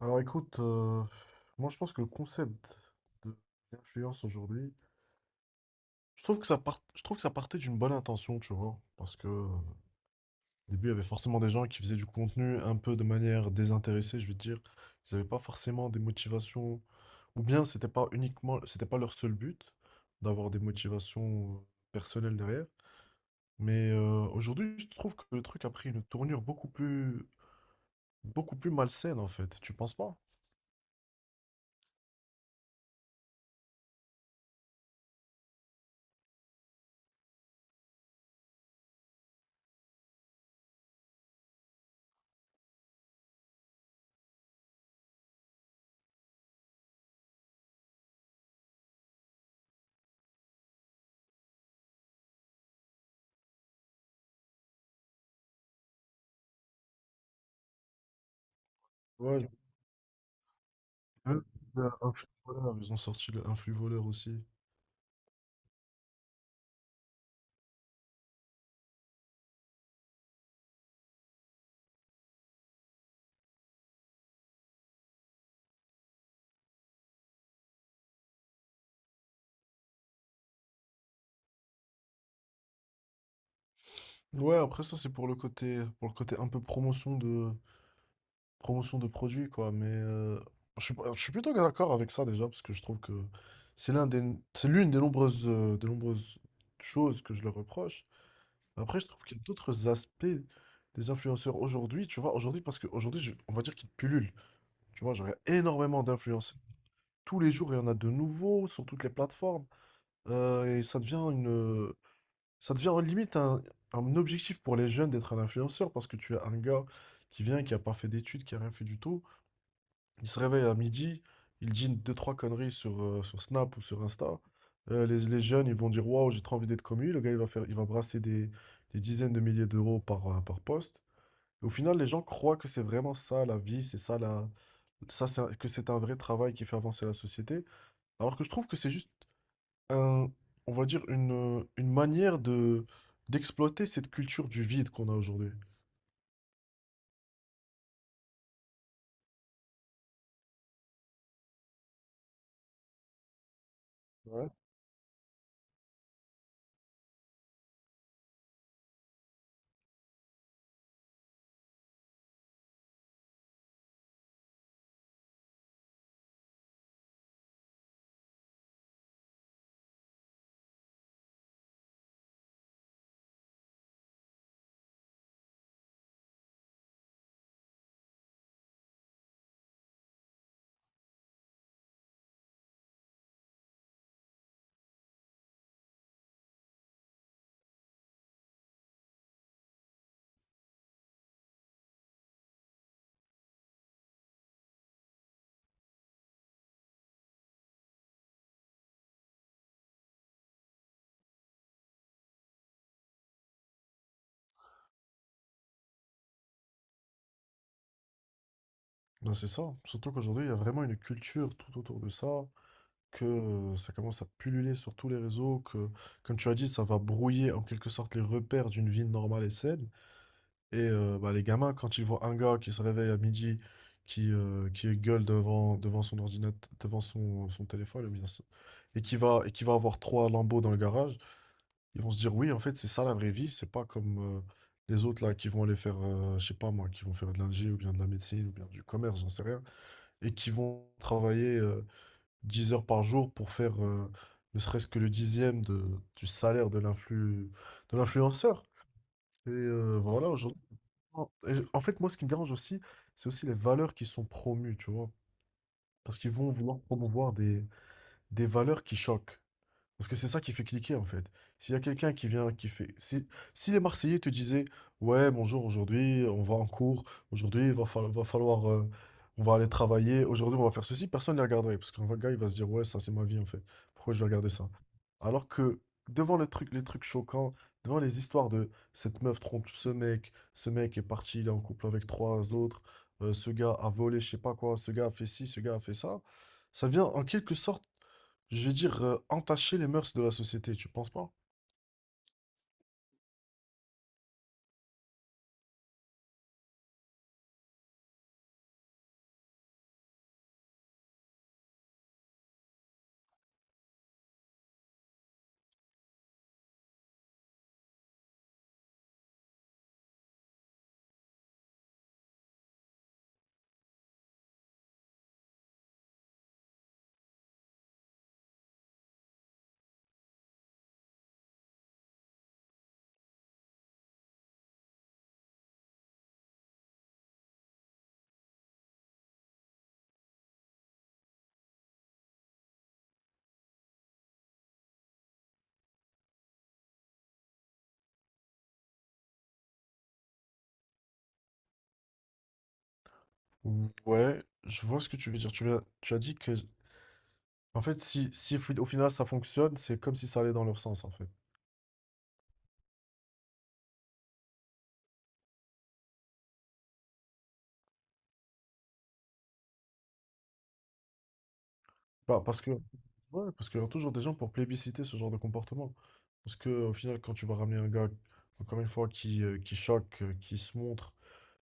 Alors écoute, moi je pense que le concept de l'influence aujourd'hui, je trouve que ça partait d'une bonne intention, tu vois, parce que au début il y avait forcément des gens qui faisaient du contenu un peu de manière désintéressée, je veux dire, ils n'avaient pas forcément des motivations, ou bien c'était pas leur seul but d'avoir des motivations personnelles derrière. Mais aujourd'hui, je trouve que le truc a pris une tournure beaucoup plus malsaine en fait. Tu penses pas? Ouais, ouais. Un flux voleur, ils ont sorti le- un flux voleur aussi. Ouais, après ça c'est pour le côté un peu promotion de produits quoi, mais je suis, pas- je suis plutôt d'accord avec ça déjà parce que je trouve que c'est l'un des c'est l'une des nombreuses choses que je leur reproche. Après je trouve qu'il y a d'autres aspects des influenceurs aujourd'hui, tu vois, aujourd'hui parce qu'aujourd'hui on va dire qu'ils pullulent. Tu vois, j'aurais énormément d'influenceurs. Tous les jours, il y en a de nouveaux sur toutes les plateformes. Euh, et ça devient une, Ça devient limite un objectif pour les jeunes d'être un influenceur parce que tu as un gars qui vient, qui a pas fait d'études, qui a rien fait du tout. Il se réveille à midi, il dit deux, trois conneries sur Snap ou sur Insta. Les jeunes, ils vont dire waouh, j'ai trop envie d'être comme lui. Le gars, il va brasser des dizaines de milliers d'euros par poste. Et au final, les gens croient que c'est vraiment ça la vie, c'est ça la, ça c'est un- que c'est un vrai travail qui fait avancer la société. Alors que je trouve que c'est juste un- on va dire une manière de d'exploiter cette culture du vide qu'on a aujourd'hui. Ouais. Ben, c'est ça, hein. Surtout qu'aujourd'hui, il y a vraiment une culture tout autour de ça, que ça commence à pulluler sur tous les réseaux, que, comme tu as dit, ça va brouiller en quelque sorte les repères d'une vie normale et saine. Et bah, les gamins, quand ils voient un gars qui se réveille à midi, qui gueule devant son ordinateur, devant son téléphone, et qui va avoir trois lambeaux dans le garage. Ils vont se dire, oui, en fait, c'est ça la vraie vie. C'est pas comme les autres là qui vont aller faire, je sais pas moi, qui vont faire de l'ingé ou bien de la médecine ou bien du commerce, j'en sais rien, et qui vont travailler 10 heures par jour pour faire ne serait-ce que le dixième du salaire de de l'influenceur. Et voilà, aujourd'hui. En fait, moi, ce qui me dérange aussi, c'est aussi les valeurs qui sont promues, tu vois. Parce qu'ils vont vouloir promouvoir des valeurs qui choquent. Parce que c'est ça qui fait cliquer en fait. S'il y a quelqu'un qui vient, qui fait. Si les Marseillais te disaient, ouais, bonjour, aujourd'hui, on va en cours, aujourd'hui, va falloir, on va aller travailler, aujourd'hui, on va faire ceci, personne ne les regarderait. Parce qu'un gars, il va se dire, ouais, ça, c'est ma vie en fait. Pourquoi je vais regarder ça? Alors que devant les trucs choquants, devant les histoires de cette meuf trompe ce mec est parti, il est en couple avec trois autres, ce gars a volé, je sais pas quoi, ce gars a fait ci, ce gars a fait ça, ça vient en quelque sorte je vais dire, entacher les mœurs de la société, tu penses pas? Ouais, je vois ce que tu veux dire. Tu as dit que, en fait, si au final ça fonctionne, c'est comme si ça allait dans leur sens, en fait. Bah, ouais, parce qu'il y aura toujours des gens pour plébisciter ce genre de comportement. Parce que, au final, quand tu vas ramener un gars, encore une fois, qui choque, qui se montre,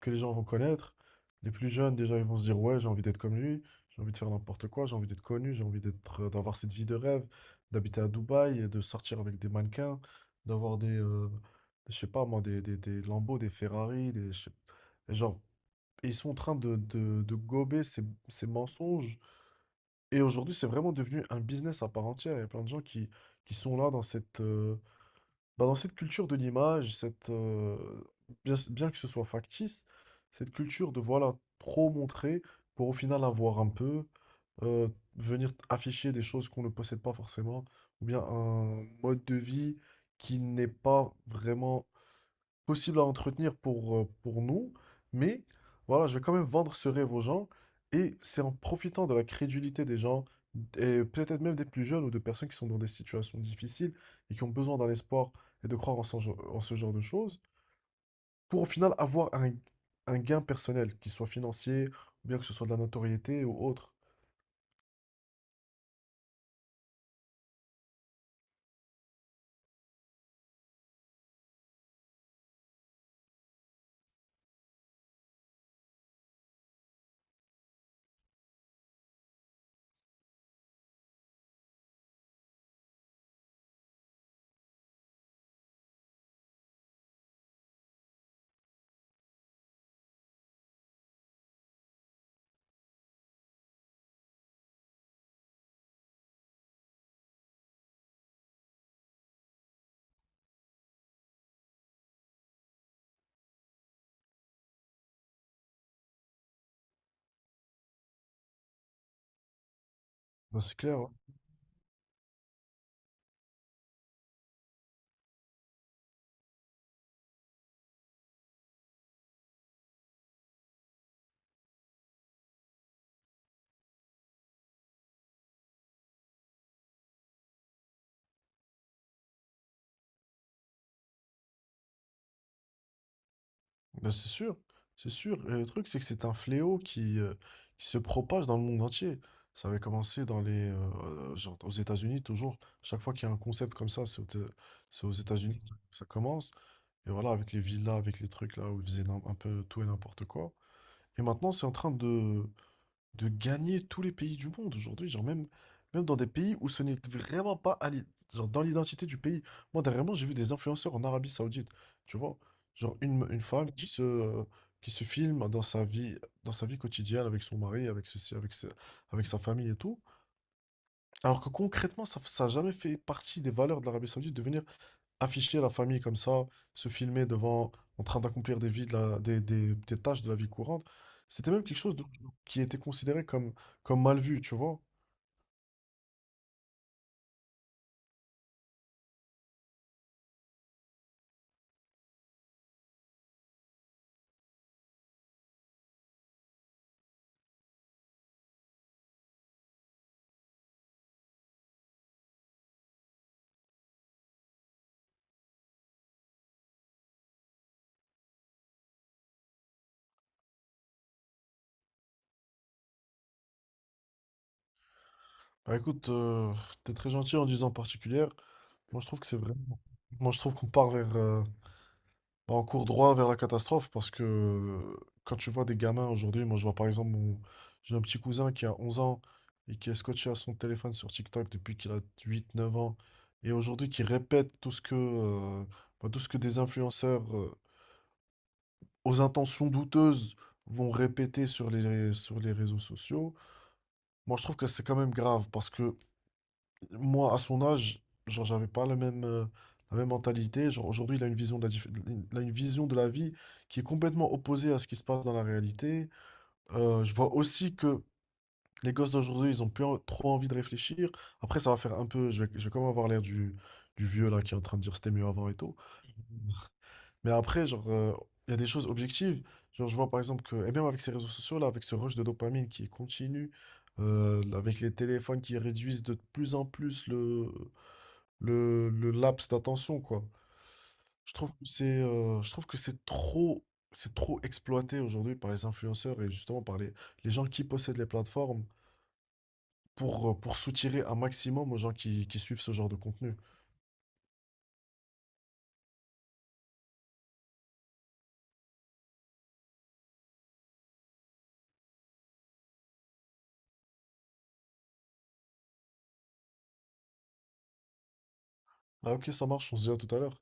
que les gens vont connaître, les plus jeunes, déjà, ils vont se dire, ouais, j'ai envie d'être comme lui, j'ai envie de faire n'importe quoi, j'ai envie d'être connu, j'ai envie d'être, d'avoir cette vie de rêve, d'habiter à Dubaï, et de sortir avec des mannequins, d'avoir des, je sais pas moi, des Lambo, des Ferrari, et genre, ils sont en train de gober ces, ces mensonges et aujourd'hui, c'est vraiment devenu un business à part entière. Il y a plein de gens qui sont là bah, dans cette culture de l'image, bien que ce soit factice, cette culture de voilà, trop montrer pour au final avoir euh, venir afficher des choses qu'on ne possède pas forcément, ou bien un mode de vie qui n'est pas vraiment possible à entretenir pour nous, mais voilà, je vais quand même vendre ce rêve aux gens, et c'est en profitant de la crédulité des gens, et peut-être même des plus jeunes ou de personnes qui sont dans des situations difficiles et qui ont besoin d'un espoir et de croire en ce genre de choses, pour au final avoir un gain personnel, qu'il soit financier, ou bien que ce soit de la notoriété ou autre. Ben, c'est clair, hein. Ben, c'est sûr, c'est sûr. Et le truc, c'est que c'est un fléau qui se propage dans le monde entier. Ça avait commencé genre aux États-Unis toujours. Chaque fois qu'il y a un concept comme ça, c'est aux États-Unis que ça commence. Et voilà, avec les villas, avec les trucs là où ils faisaient un peu tout et n'importe quoi. Et maintenant, c'est en train de gagner tous les pays du monde aujourd'hui, genre même dans des pays où ce n'est vraiment pas genre dans l'identité du pays. Moi, dernièrement, j'ai vu des influenceurs en Arabie Saoudite, tu vois, genre une femme qui se filme dans sa vie quotidienne avec son mari, avec ceci, avec sa famille et tout, alors que concrètement, ça n'a jamais fait partie des valeurs de l'Arabie Saoudite de venir afficher la famille comme ça, se filmer devant, en train d'accomplir des tâches de la vie courante, c'était même quelque chose qui était considéré comme mal vu, tu vois. Bah écoute, t'es très gentil en disant particulière. Moi je trouve que c'est vraiment. Moi je trouve qu'on part vers, bah, on court droit vers la catastrophe parce que quand tu vois des gamins aujourd'hui, moi je vois par exemple j'ai un petit cousin qui a 11 ans et qui est scotché à son téléphone sur TikTok depuis qu'il a 8, 9 ans et aujourd'hui qui répète bah, tout ce que des influenceurs aux intentions douteuses vont répéter sur les réseaux sociaux. Moi je trouve que c'est quand même grave parce que moi, à son âge, genre, j'avais pas la même mentalité. Genre, aujourd'hui, il a une vision de la vie qui est complètement opposée à ce qui se passe dans la réalité. Je vois aussi que les gosses d'aujourd'hui, ils ont trop envie de réfléchir. Après, ça va faire un peu, je vais quand même avoir l'air du vieux là qui est en train de dire c'était mieux avant et tout. Mais après, genre, il y a des choses objectives. Genre, je vois par exemple que, et même avec ces réseaux sociaux là, avec ce rush de dopamine qui est continu, avec les téléphones qui réduisent de plus en plus le laps d'attention, quoi. Je trouve que c'est trop exploité aujourd'hui par les influenceurs et justement par les gens qui possèdent les plateformes pour soutirer un maximum aux gens qui suivent ce genre de contenu. Ah ok, ça marche, on se dit à tout à l'heure.